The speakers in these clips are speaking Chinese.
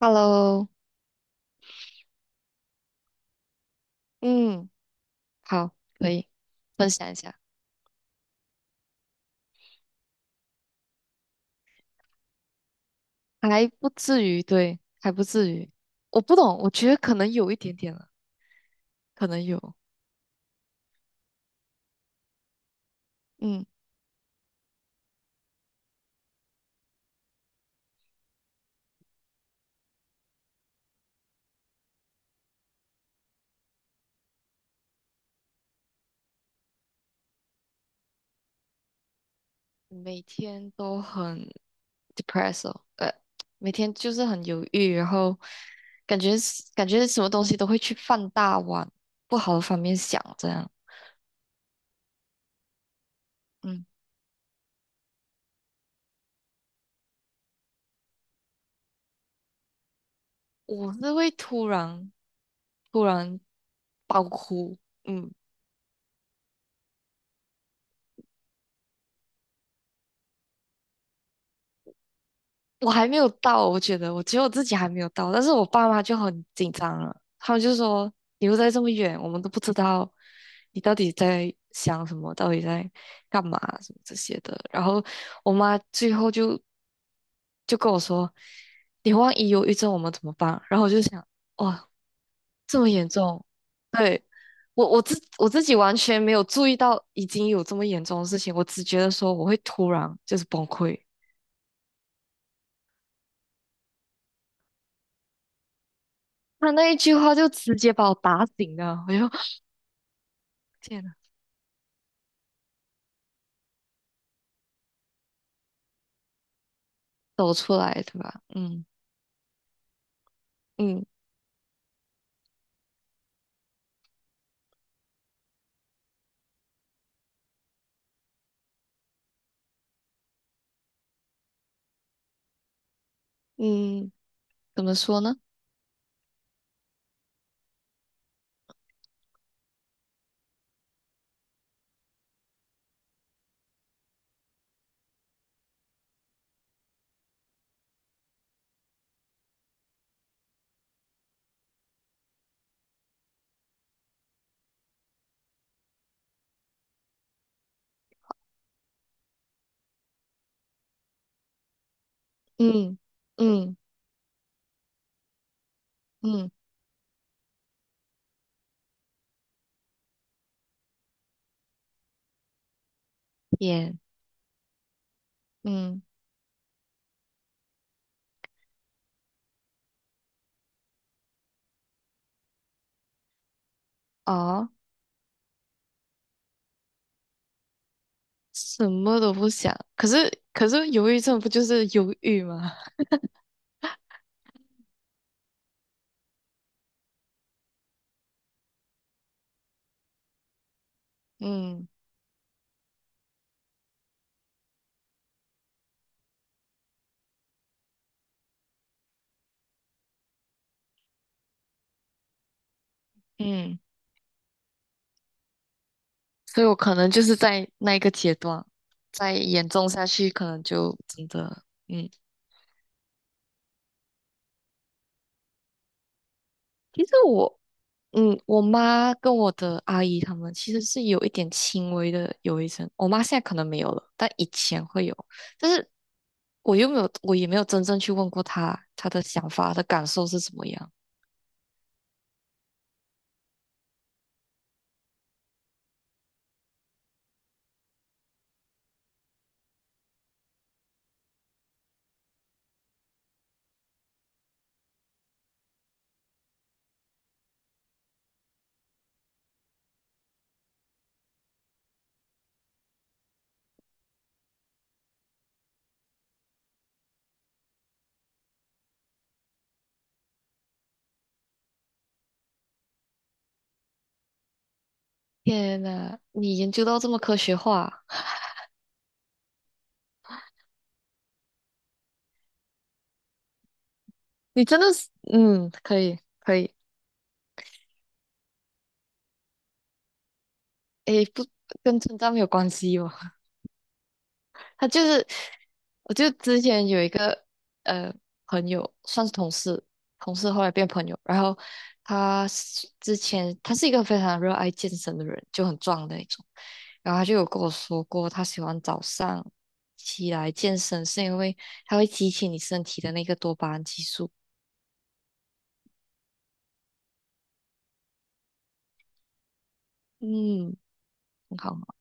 Hello，嗯，好，可以分享一下，还不至于，对，还不至于。我不懂，我觉得可能有一点点了，可能有，嗯，每天都很 depressed，每天就是很犹豫，然后感觉什么东西都会去放大往不好的方面想，这样，嗯，我是会突然爆哭，嗯。我还没有到，我觉得我自己还没有到，但是我爸妈就很紧张了，他们就说你又在这么远，我们都不知道你到底在想什么，到底在干嘛什么这些的。然后我妈最后就跟我说，你万一忧郁症我们怎么办？然后我就想，哇，这么严重，对。我自己完全没有注意到已经有这么严重的事情，我只觉得说我会突然就是崩溃，他那一句话就直接把我打醒了，我又天呐，走出来对吧？嗯嗯嗯，怎么说呢？嗯嗯嗯，天嗯哦，什么都不想。可是，忧郁症不就是忧郁吗？嗯嗯，所以我可能就是在那一个阶段，再严重下去，可能就真的嗯。其实我嗯，我妈跟我的阿姨她们其实是有一点轻微的忧郁症。我妈现在可能没有了，但以前会有。但是我又没有，我也没有真正去问过她，她的想法、她的感受是怎么样。天呐，你研究到这么科学化，你真的是，嗯，可以，可以。诶，不，跟成长没有关系吧？他就是，我就之前有一个呃朋友，算是同事，同事后来变朋友。然后之前他是一个非常热爱健身的人，就很壮的那种。然后他就有跟我说过，他喜欢早上起来健身，是因为他会激起你身体的那个多巴胺激素。嗯，很好，很好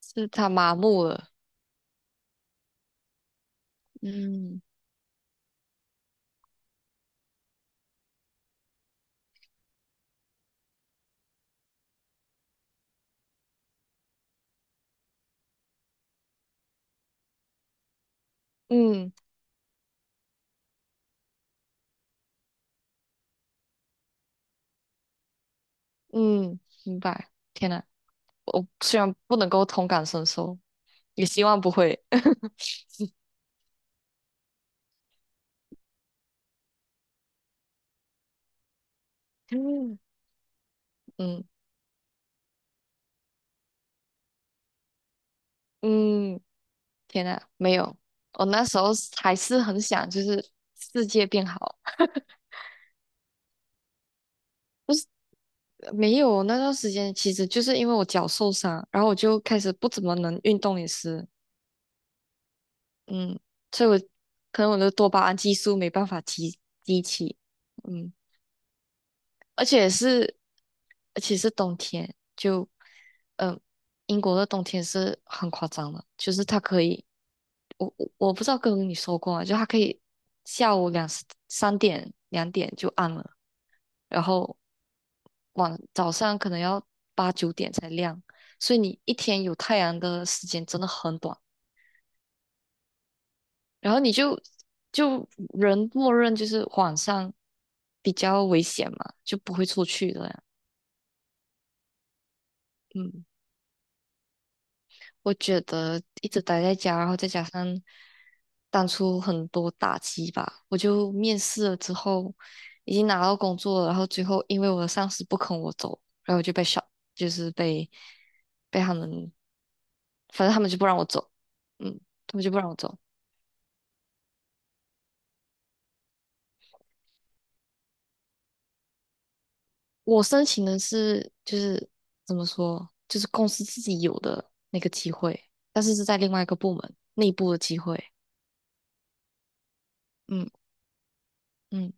是他麻木了。嗯嗯嗯，明白。天呐，我虽然不能够同感身受，也希望不会。嗯嗯嗯，天呐，没有，我那时候还是很想，就是世界变好。没有那段时间，其实就是因为我脚受伤，然后我就开始不怎么能运动，也是，嗯，所以我可能我的多巴胺激素没办法提起，嗯，而且是而且是冬天，就嗯，英国的冬天是很夸张的，就是它可以。我不知道跟你说过吗？就它可以下午两点就暗了，然后早上可能要8、9点才亮，所以你一天有太阳的时间真的很短。然后你就人默认就是晚上比较危险嘛，就不会出去的呀嗯，我觉得一直待在家，然后再加上当初很多打击吧，我就面试了之后，已经拿到工作了，然后最后因为我的上司不肯我走，然后我就就是被他们，反正他们就不让我走，嗯，他们就不让我走。我申请的就是怎么说，就是公司自己有的那个机会，但是是在另外一个部门内部的机会，嗯嗯。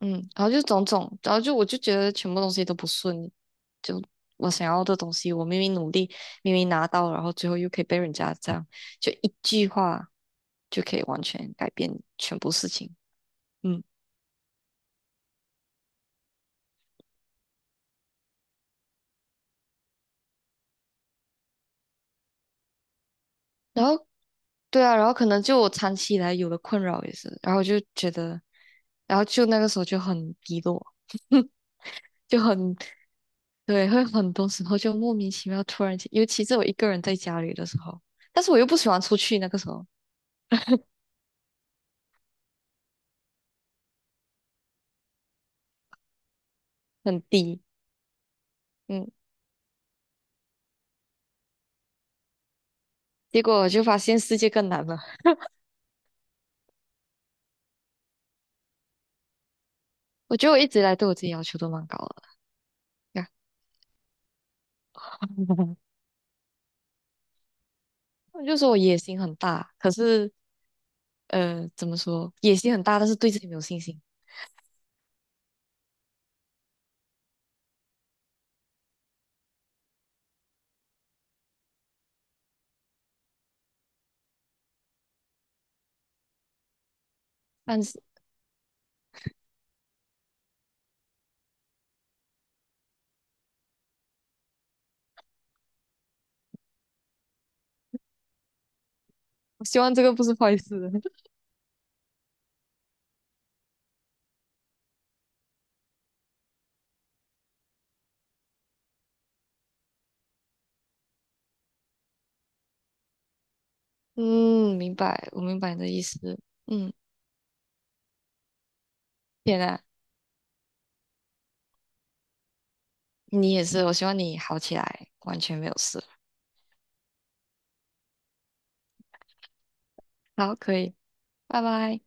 嗯，然后就种种，然后我就觉得全部东西都不顺利，就我想要的东西，我明明努力，明明拿到，然后最后又可以被人家这样，就一句话就可以完全改变全部事情。嗯，然后对啊，然后可能就我长期以来有的困扰也是，然后就觉得，然后就那个时候就很低落，就很，对，会很多时候就莫名其妙突然间，尤其是我一个人在家里的时候，但是我又不喜欢出去，那个时候很低。嗯。结果我就发现世界更难了。我觉得我一直以来对我自己要求都蛮高的，呀我就说我野心很大，可是怎么说，野心很大，但是对自己没有信心。但是我希望这个不是坏事。嗯，明白，我明白你的意思。嗯，天呐，你也是，我希望你好起来，完全没有事。好，可以，拜拜。